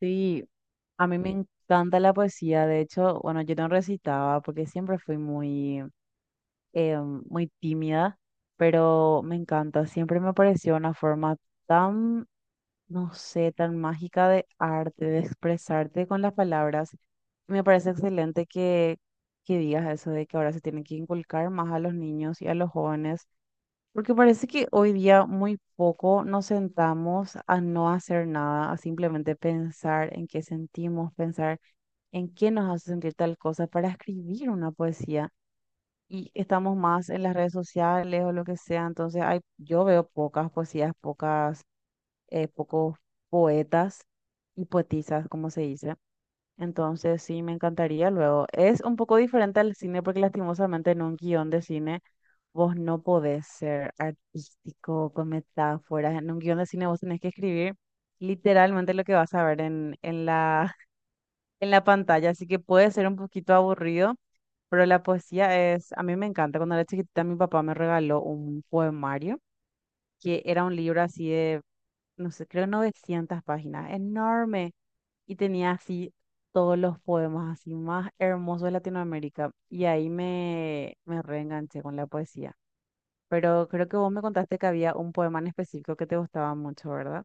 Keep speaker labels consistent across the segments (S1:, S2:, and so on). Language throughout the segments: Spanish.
S1: Sí, a mí me encanta la poesía. De hecho, bueno, yo no recitaba porque siempre fui muy, eh, muy tímida, pero me encanta. Siempre me pareció una forma tan, no sé, tan mágica de arte, de expresarte con las palabras. Me parece excelente que digas eso de que ahora se tiene que inculcar más a los niños y a los jóvenes porque parece que hoy día muy poco nos sentamos a no hacer nada, a simplemente pensar en qué sentimos, pensar en qué nos hace sentir tal cosa para escribir una poesía. Y estamos más en las redes sociales o lo que sea, entonces hay, yo veo pocas poesías, pocos poetas y poetisas, como se dice. Entonces, sí, me encantaría luego. Es un poco diferente al cine porque lastimosamente en un guión de cine vos no podés ser artístico con metáforas. En un guión de cine vos tenés que escribir literalmente lo que vas a ver en la pantalla, así que puede ser un poquito aburrido, pero la poesía es, a mí me encanta. Cuando era chiquitita mi papá me regaló un poemario que era un libro así de no sé, creo 900 páginas, enorme. Y tenía así todos los poemas así más hermosos de Latinoamérica. Y ahí me reenganché con la poesía. Pero creo que vos me contaste que había un poema en específico que te gustaba mucho, ¿verdad?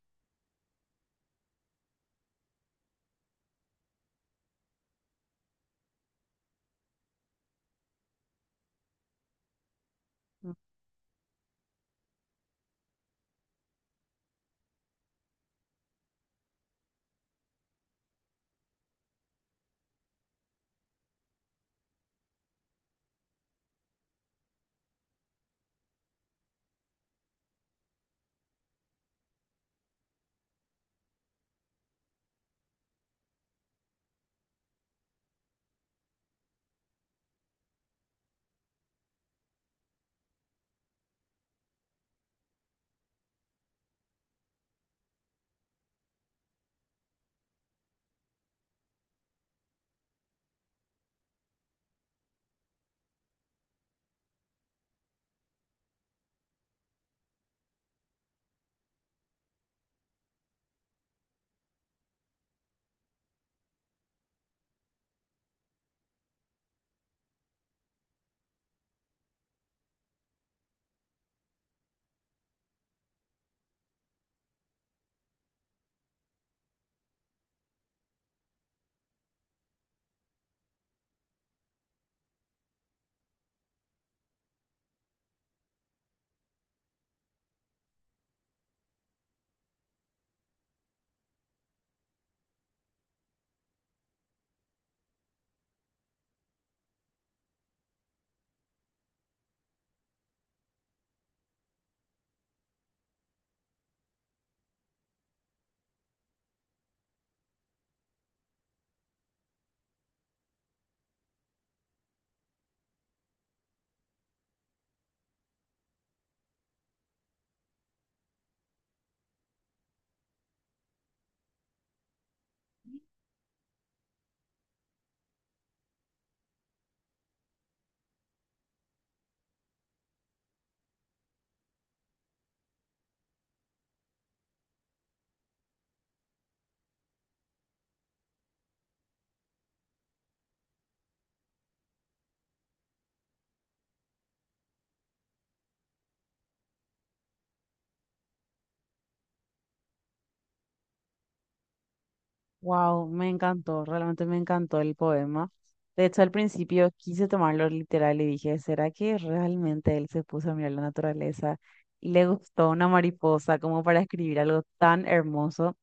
S1: Wow, me encantó, realmente me encantó el poema. De hecho, al principio quise tomarlo literal y dije, ¿será que realmente él se puso a mirar la naturaleza y le gustó una mariposa como para escribir algo tan hermoso?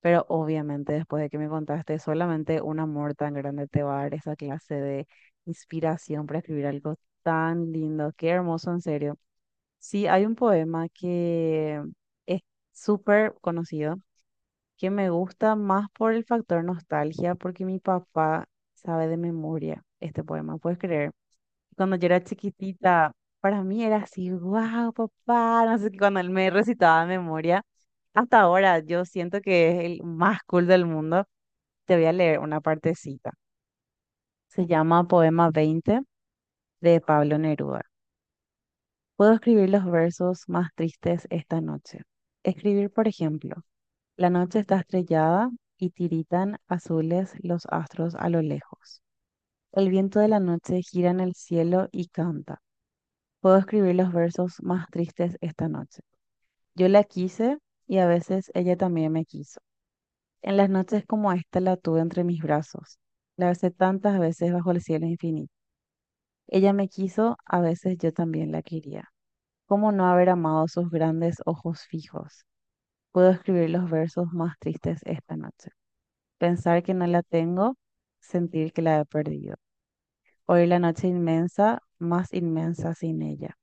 S1: Pero obviamente después de que me contaste, solamente un amor tan grande te va a dar esa clase de inspiración para escribir algo tan lindo. Qué hermoso, en serio. Sí, hay un poema que es súper conocido que me gusta más por el factor nostalgia, porque mi papá sabe de memoria este poema, ¿puedes creer? Cuando yo era chiquitita, para mí era así, wow, papá, no sé qué, cuando él me recitaba de memoria. Hasta ahora yo siento que es el más cool del mundo. Te voy a leer una partecita. Se llama Poema 20 de Pablo Neruda. Puedo escribir los versos más tristes esta noche. Escribir, por ejemplo. La noche está estrellada y tiritan azules los astros a lo lejos. El viento de la noche gira en el cielo y canta. Puedo escribir los versos más tristes esta noche. Yo la quise y a veces ella también me quiso. En las noches como esta la tuve entre mis brazos. La besé tantas veces bajo el cielo infinito. Ella me quiso, a veces yo también la quería. ¿Cómo no haber amado sus grandes ojos fijos? Puedo escribir los versos más tristes esta noche. Pensar que no la tengo, sentir que la he perdido. Oír la noche inmensa, más inmensa sin ella.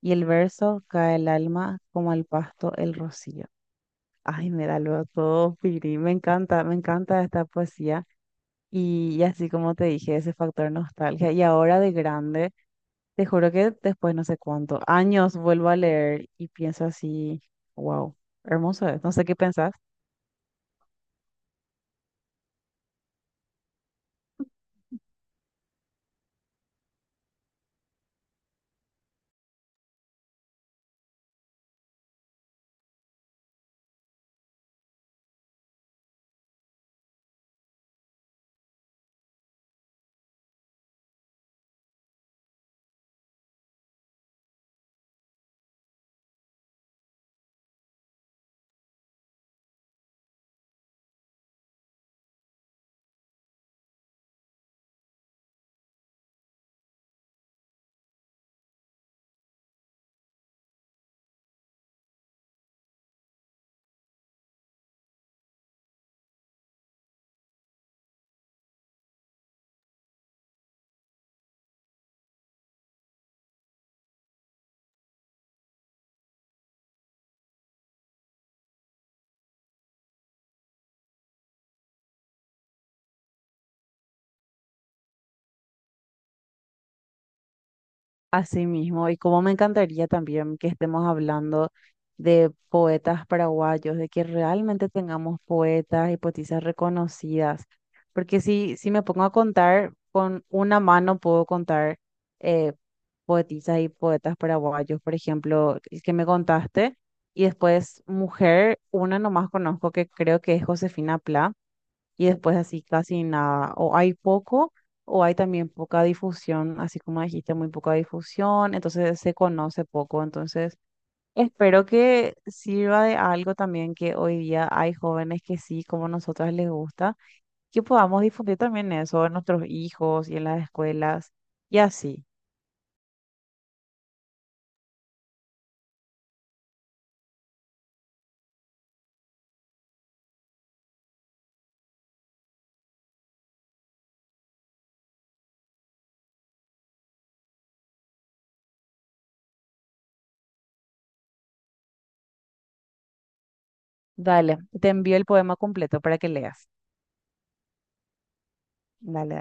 S1: Y el verso cae el alma como al pasto el rocío. Ay, me da luego todo, Piri. Me encanta esta poesía. Y así como te dije, ese factor nostalgia. Y ahora de grande, te juro que después no sé cuánto, años vuelvo a leer y pienso así, wow, hermoso es. No sé qué pensás. Así mismo, y como me encantaría también que estemos hablando de poetas paraguayos, de que realmente tengamos poetas y poetisas reconocidas, porque si me pongo a contar, con una mano puedo contar eh, poetisas y poetas paraguayos, por ejemplo, el que me contaste, y después mujer, una nomás conozco que creo que es Josefina Pla y después así casi nada, o hay poco o hay también poca difusión, así como dijiste, muy poca difusión, entonces se conoce poco, entonces espero que sirva de algo también que hoy día hay jóvenes que sí, como nosotras les gusta, que podamos difundir también eso en nuestros hijos y en las escuelas y así. Dale, te envío el poema completo para que leas. Dale.